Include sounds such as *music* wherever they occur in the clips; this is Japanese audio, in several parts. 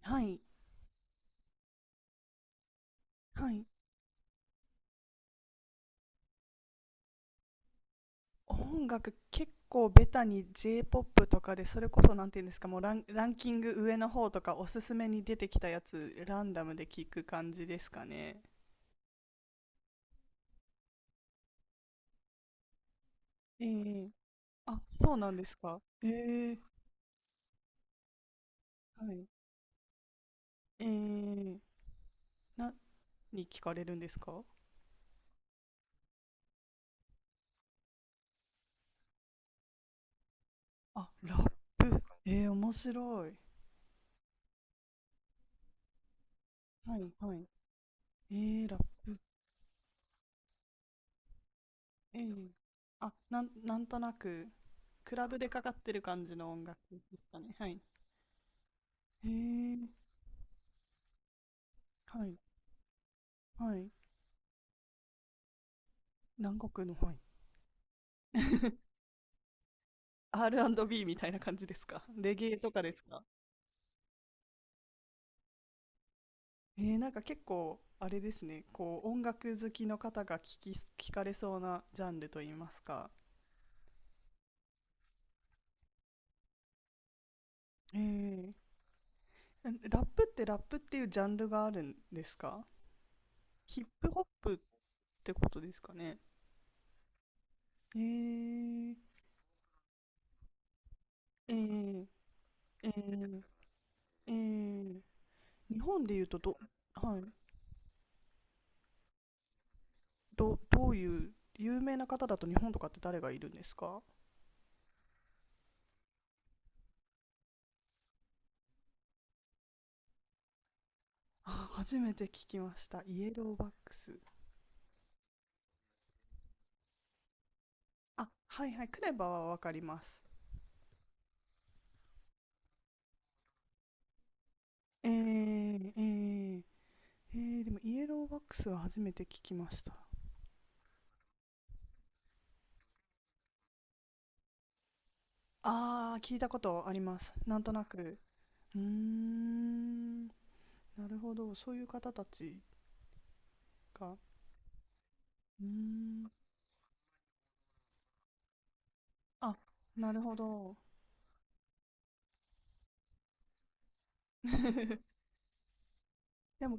はい、はい。音楽結構ベタに J-POP とかで、それこそなんていうんですか、もうランキング上の方とかおすすめに出てきたやつランダムで聞く感じですかね。ええ。あ、そうなんですか。ええ、はい。ええ、何聞かれるんですか？あ、ラップ。ええ、面白い。はいはい。ええ、ラップ。ええ。あ、なんとなくクラブでかかってる感じの音楽ですかね。はい。ええ、はいはい。南国の、はい。*laughs* R&B みたいな感じですか？レゲエとかですか？なんか結構、あれですね、こう、音楽好きの方が聞かれそうなジャンルといいますか。えー、ラップって、ラップっていうジャンルがあるんですか？ヒップホップってことですかね？えー、えー、えー、えー、日本で言うとはい、どういう、有名な方だと日本とかって誰がいるんですか？あ、初めて聞きました。イエローバックス。あ、はいはい、クレバはわかります。えー、えー、でもイエローバックスは初めて聞きました。あー、聞いたことあります。なんとなく。うーん、なるほど。そういう方たちが。うーん、あ、なるほど。*laughs* でも、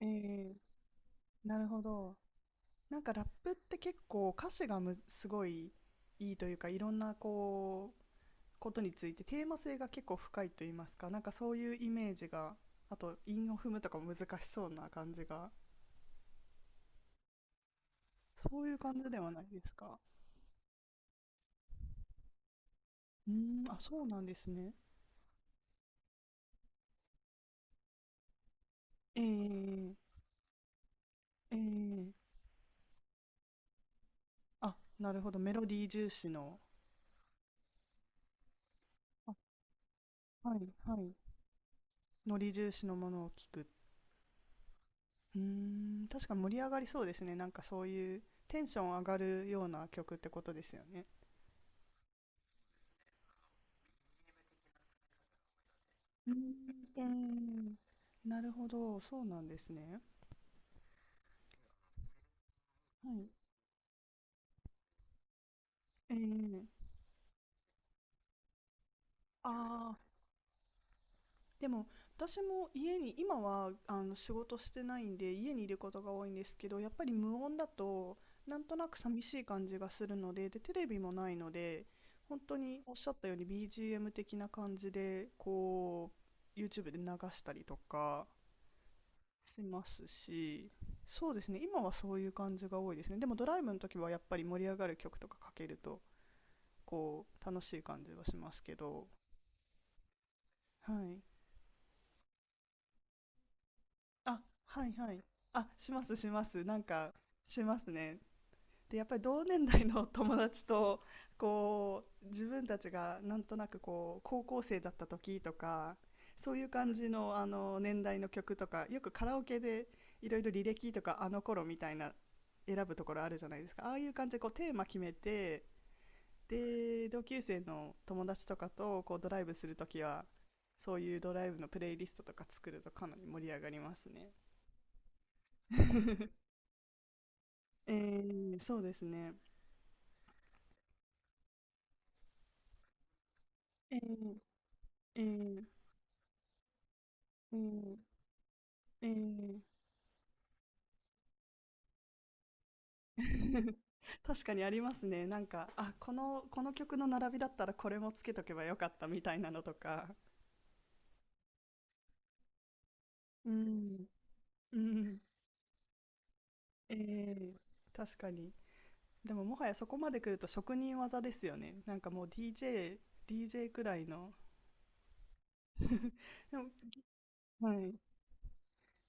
えなるほど。なんかラップって結構歌詞がすごいいいというか、いろんなこことについてテーマ性が結構深いと言いますか、なんかそういうイメージが、あと韻を踏むとかも難しそうな感じが、そういう感じではないですか？うーん、あ、そうなんですね。えー、えー、あ、なるほど、メロディー重視の。あ、はいはい、ノリ重視のものを聞く。うーん、確かに盛り上がりそうですね。なんかそういうテンション上がるような曲ってことですよね？うーん、えーなるほど、そうなんですね。はい。えーああ、でも私も家に今はあの仕事してないんで家にいることが多いんですけど、やっぱり無音だとなんとなく寂しい感じがするので、でテレビもないので本当におっしゃったように BGM 的な感じでこう YouTube で流したりとかしますし、そうですね、今はそういう感じが多いですね。でもドライブの時はやっぱり盛り上がる曲とかかけるとこう楽しい感じはしますけど。はい。あ、はいはい。あ、します、します。なんか、しますね。で、やっぱり同年代の *laughs* 友達と、こう、自分たちがなんとなくこう、高校生だった時とか、そういう感じの、あの、年代の曲とか、よくカラオケでいろいろ履歴とか、あの頃みたいな選ぶところあるじゃないですか。ああいう感じでこう、テーマ決めて、で、同級生の友達とかと、こう、ドライブするときは、そういうドライブのプレイリストとか作るとかなり盛り上がりますね。そうですね。えー、えー、えー、えー *laughs* 確かにありますね。なんか、あ、この曲の並びだったらこれもつけとけばよかったみたいなのとか。うん、うん、えー、確かに。でももはやそこまで来ると職人技ですよね。なんかもう DJ くらいの。でも、はい。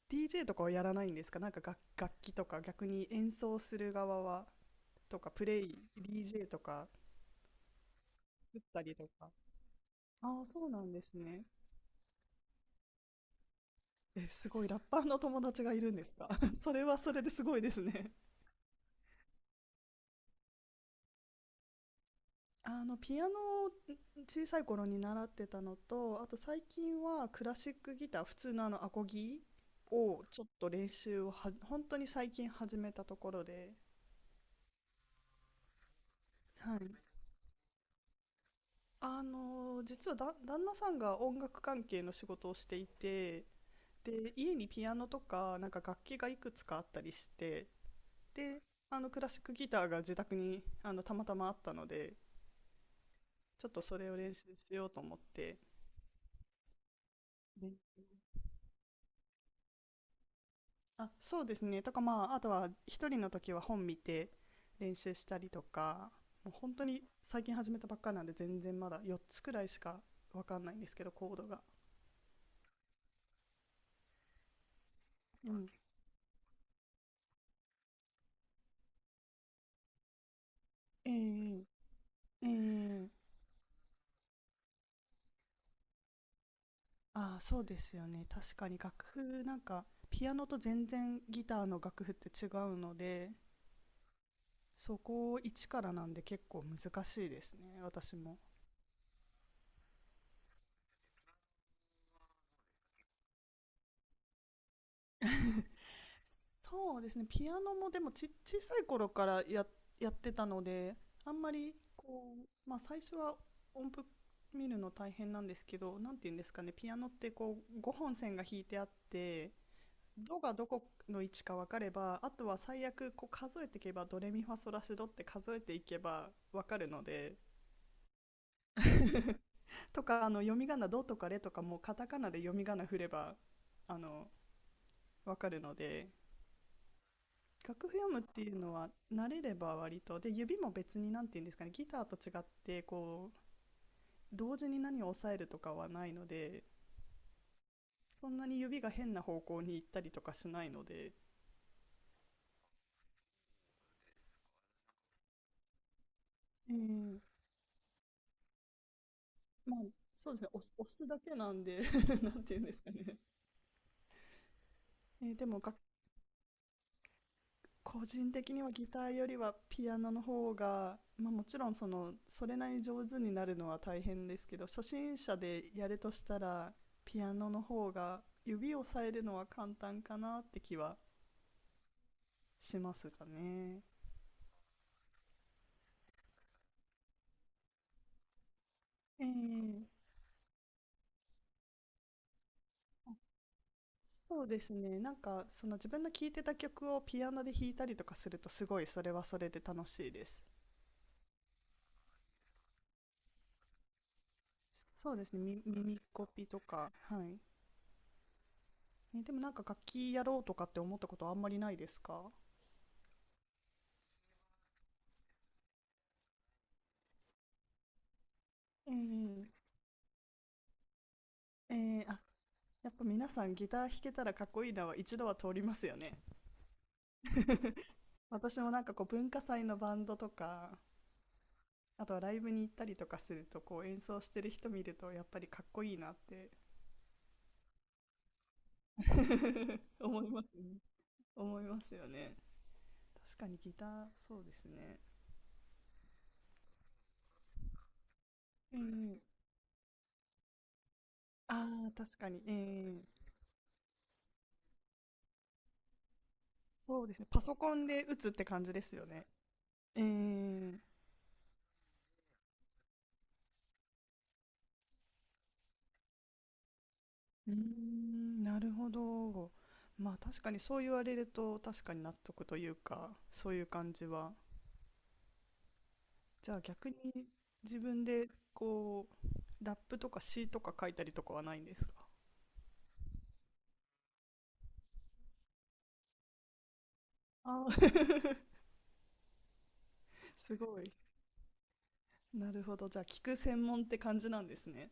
DJ とかはやらないんですか？なんか楽器とか逆に演奏する側は、とかプレイ、DJ とか作ったりとか。ああ、そうなんですね。え、すごい、ラッパーの友達がいるんですか？ *laughs* それはそれですごいですね。あの、ピアノを小さい頃に習ってたのと、あと最近はクラシックギター、普通のあのアコギをちょっと練習をは、本当に最近始めたところで、はい。あの、実はだ、旦那さんが音楽関係の仕事をしていて、で、家にピアノとか、なんか楽器がいくつかあったりして、であのクラシックギターが自宅にあのたまたまあったので、ちょっとそれを練習しようと思って。で、あ、そうですねとか、まあ、あとは一人の時は本見て練習したりとか。もう本当に最近始めたばっかなんで全然まだ4つくらいしかわかんないんですけど、コードが。うん、ええ、ええ。ああ、そうですよね。確かに楽譜なんかピアノと全然ギターの楽譜って違うので、そこを一からなんで結構難しいですね、私も。そうですね、ピアノもでも小さい頃からやってたので、あんまりこう、まあ、最初は音符見るの大変なんですけど、なんて言うんですかね、ピアノってこう5本線が引いてあって、ドがどこの位置か分かればあとは最悪こう数えていけば、ドレミファソラシドって数えていけば分かるので、とかあの読み仮名「ド」とか「レ」とかもカタカナで読み仮名振ればあのわかるので、楽譜読むっていうのは慣れれば割と、で指も別に何て言うんですかね、ギターと違ってこう同時に何を押さえるとかはないので、そんなに指が変な方向に行ったりとかしないので、えーまあそうですね、押す押すだけなんで *laughs* なんて言うんですかね、でも個人的にはギターよりはピアノの方が、まあ、もちろんそのそれなりに上手になるのは大変ですけど、初心者でやるとしたらピアノの方が指をさえるのは簡単かなって気はしますかね。ええ。あ、そうですね。なんかその自分の聴いてた曲をピアノで弾いたりとかするとすごい、それはそれで楽しいです。そうですね。耳コピとか。はい。え、でもなんか楽器やろうとかって思ったことあんまりないですか？ええ。あ、やっぱ皆さんギター弾けたらかっこいいなは一度は通りますよね。*laughs* 私もなんかこう文化祭のバンドとか、あとはライブに行ったりとかするとこう演奏してる人見るとやっぱりかっこいいなって *laughs* 思いますね。思いますよね。確かにギター、そうですね。うん、うん。ああ、確かに。ー、そうですね。パソコンで打つって感じですよね。ええ。うーん、なるほど。まあ確かにそう言われると確かに納得というか、そういう感じは。じゃあ逆に自分でこう、ラップとか詩とか書いたりとかはないんですか？ああー、*laughs* すごい。なるほど。じゃあ聞く専門って感じなんですね。